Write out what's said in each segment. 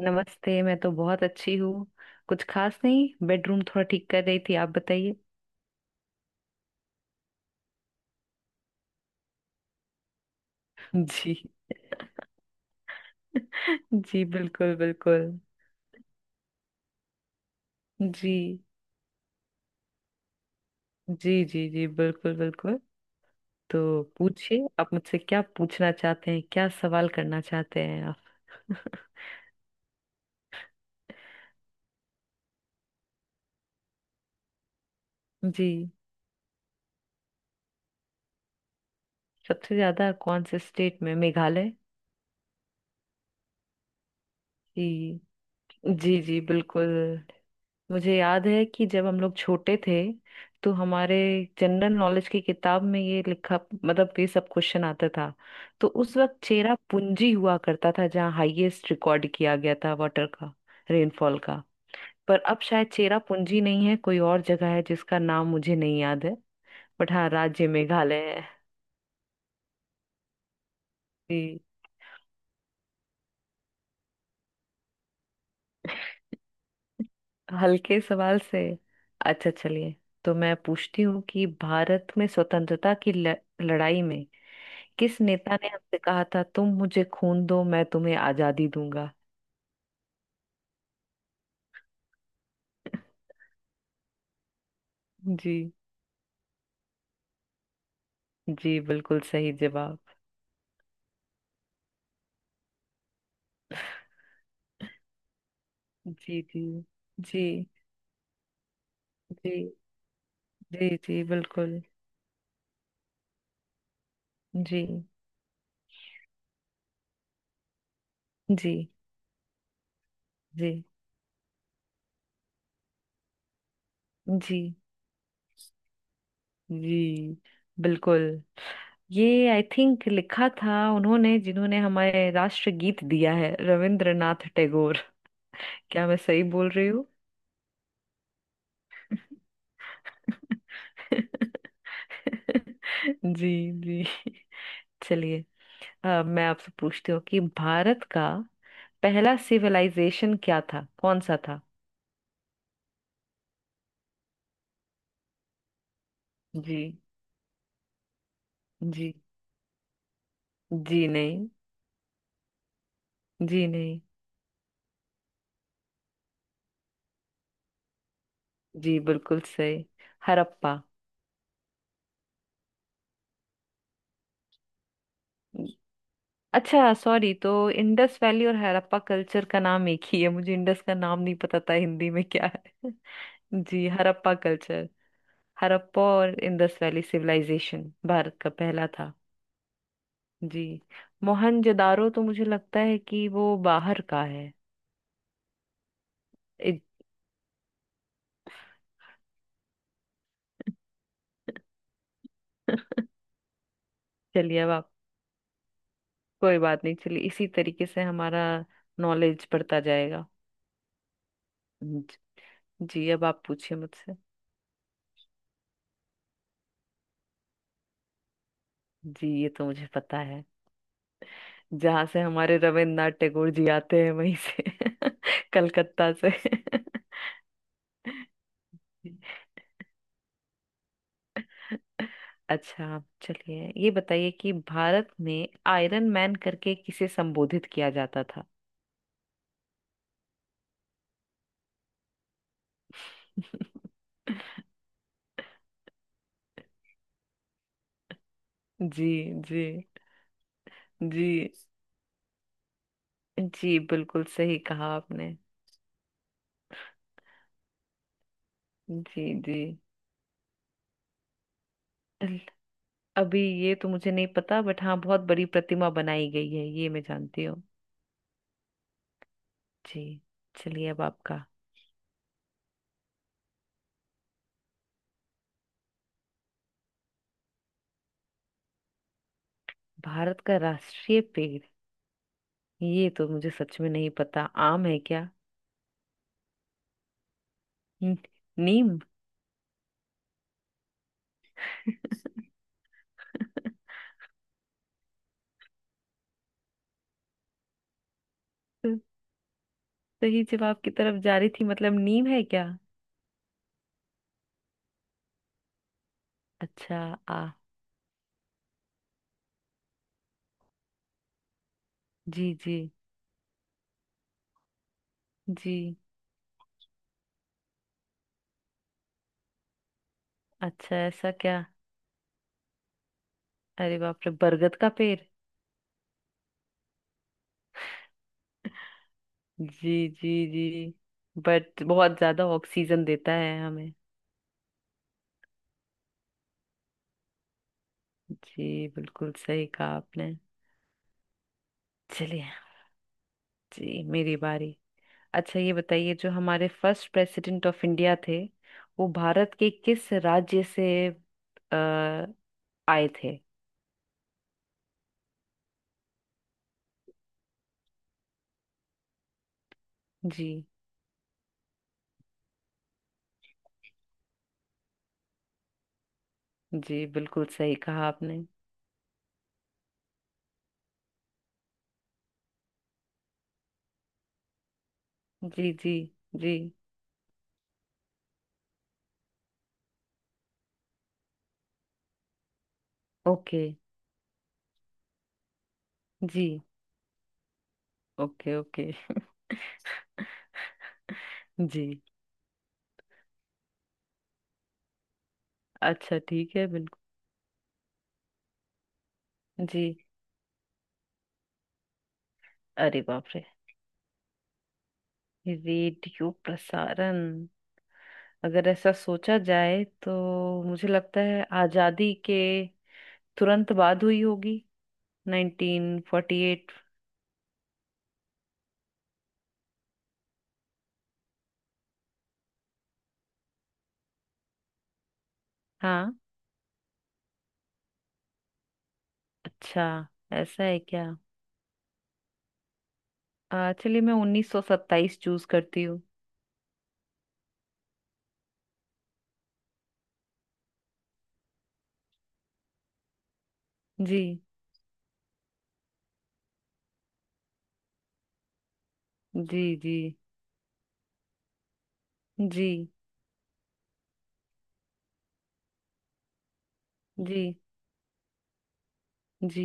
नमस्ते। मैं तो बहुत अच्छी हूँ। कुछ खास नहीं, बेडरूम थोड़ा ठीक कर रही थी। आप बताइए। जी। जी बिल्कुल बिल्कुल। जी जी जी। जी बिल्कुल बिल्कुल। तो पूछिए, आप मुझसे क्या पूछना चाहते हैं, क्या सवाल करना चाहते हैं आप? जी। सबसे ज्यादा कौन से स्टेट में? मेघालय। जी जी जी बिल्कुल। मुझे याद है कि जब हम लोग छोटे थे, तो हमारे जनरल नॉलेज की किताब में ये लिखा, मतलब ये सब क्वेश्चन आता था। तो उस वक्त चेरा पूंजी हुआ करता था, जहाँ हाईएस्ट रिकॉर्ड किया गया था वाटर का, रेनफॉल का। पर अब शायद चेरा पूंजी नहीं है, कोई और जगह है जिसका नाम मुझे नहीं याद है। बट हाँ, राज्य मेघालय है। जी। हल्के सवाल से? अच्छा चलिए। तो मैं पूछती हूँ कि भारत में स्वतंत्रता की लड़ाई में किस नेता ने हमसे कहा था, तुम मुझे खून दो मैं तुम्हें आजादी दूंगा? जी। जी बिल्कुल सही जवाब। जी जी जी जी जी। जी बिल्कुल। जी जी जी जी जी बिल्कुल। ये आई थिंक लिखा था उन्होंने जिन्होंने हमारे राष्ट्रगीत दिया है, रविंद्रनाथ टैगोर। क्या मैं सही बोल रही हूँ? जी जी। चलिए। मैं आपसे पूछती हूँ कि भारत का पहला सिविलाइजेशन क्या था, कौन सा था? जी। जी। जी नहीं। जी नहीं। जी बिल्कुल सही। हड़प्पा। अच्छा सॉरी, तो इंडस वैली और हड़प्पा कल्चर का नाम एक ही है? मुझे इंडस का नाम नहीं पता था हिंदी में क्या है। जी हड़प्पा कल्चर। हड़प्पा और इंडस वैली सिविलाइजेशन भारत का पहला था। जी। मोहनजोदारो तो मुझे लगता है कि वो बाहर का है। इत- चलिए अब आप। कोई बात नहीं, चलिए इसी तरीके से हमारा नॉलेज बढ़ता जाएगा। ज- जी, अब आप पूछिए मुझसे। जी ये तो मुझे पता है। जहाँ से हमारे रविन्द्रनाथ टैगोर जी आते हैं, वहीं से, कलकत्ता से। अच्छा, आप चलिए ये बताइए कि भारत में आयरन मैन करके किसे संबोधित किया जाता था? जी। जी जी। जी बिल्कुल सही कहा आपने। जी जी। अभी ये तो मुझे नहीं पता, बट हाँ बहुत बड़ी प्रतिमा बनाई गई है ये मैं जानती हूँ। जी। चलिए अब आपका। भारत का राष्ट्रीय पेड़? ये तो मुझे सच में नहीं पता। आम है क्या? न- नीम। तो सही जवाब की तरफ जा रही थी, मतलब नीम है क्या? अच्छा। आ। जी जी जी। अच्छा ऐसा क्या? अरे बाप रे, बरगद का पेड़। जी जी जी। बट बहुत ज्यादा ऑक्सीजन देता है हमें। जी बिल्कुल सही कहा आपने। चलिए। जी मेरी बारी। अच्छा ये बताइए, जो हमारे फर्स्ट प्रेसिडेंट ऑफ इंडिया थे, वो भारत के किस राज्य से आए थे? जी। जी बिल्कुल सही कहा आपने। जी जी जी। ओके। जी ओके ओके। जी। अच्छा ठीक है, बिल्कुल। जी। अरे बाप रे, रेडियो प्रसारण, अगर ऐसा सोचा जाए तो मुझे लगता है आजादी के तुरंत बाद हुई होगी। 1948। हाँ। अच्छा ऐसा है क्या? चलिए मैं उन्नीस सौ सत्ताईस चूज करती हूँ। जी जी जी जी जी। जी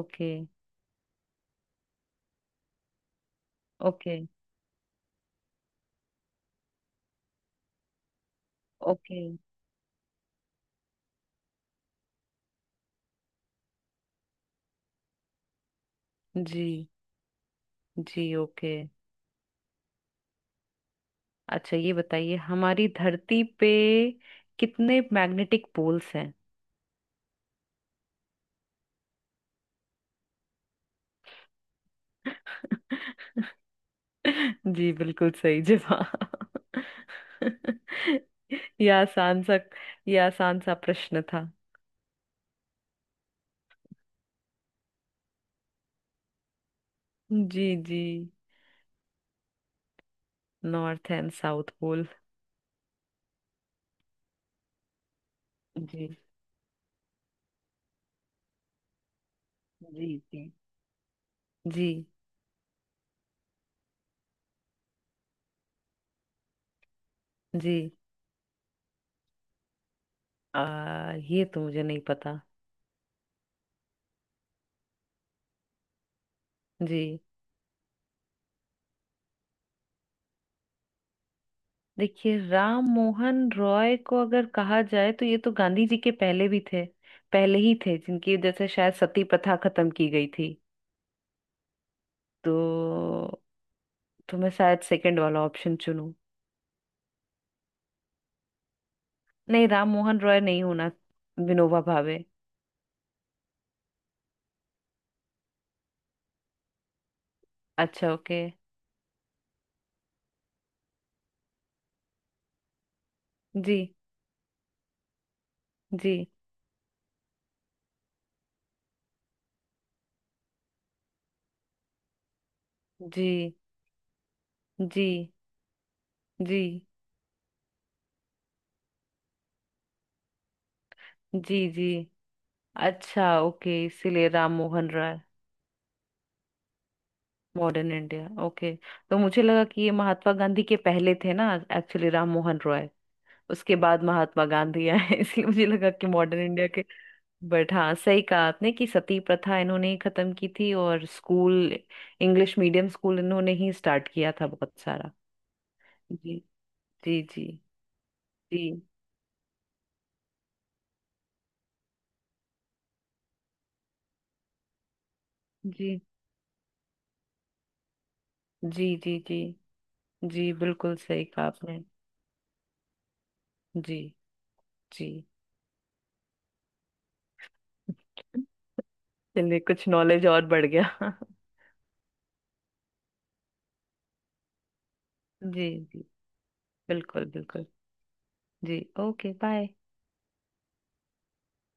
ओके ओके ओके। जी। जी ओके। अच्छा ये बताइए, हमारी धरती पे कितने मैग्नेटिक पोल्स हैं? जी बिल्कुल सही जवाब। ये आसान सा, ये आसान सा प्रश्न था। जी जी। North and south pole. जी जी जी जी जी। ये तो मुझे नहीं पता। जी। देखिए, राम मोहन रॉय को अगर कहा जाए तो ये तो गांधी जी के पहले भी थे, पहले ही थे, जिनकी वजह से शायद सती प्रथा खत्म की गई थी। तो मैं शायद सेकंड वाला ऑप्शन चुनूं। नहीं, राम मोहन रॉय नहीं होना। विनोबा भावे। अच्छा ओके। जी जी जी जी जी जी जी। अच्छा ओके, इसीलिए Ram Mohan Roy. Modern India, okay. तो मुझे लगा कि ये महात्मा गांधी के पहले थे ना एक्चुअली, राम मोहन रॉय, उसके बाद महात्मा गांधी आए। इसलिए मुझे लगा कि मॉडर्न इंडिया के। बट हाँ, सही कहा आपने कि सती प्रथा इन्होंने ही खत्म की थी, और स्कूल, इंग्लिश मीडियम स्कूल इन्होंने ही स्टार्ट किया था बहुत सारा। जी जी जी जी जी जी जी जी। जी बिल्कुल सही कहा आपने। जी जी। चलिए कुछ नॉलेज और बढ़ गया। जी जी बिल्कुल बिल्कुल। जी ओके बाय।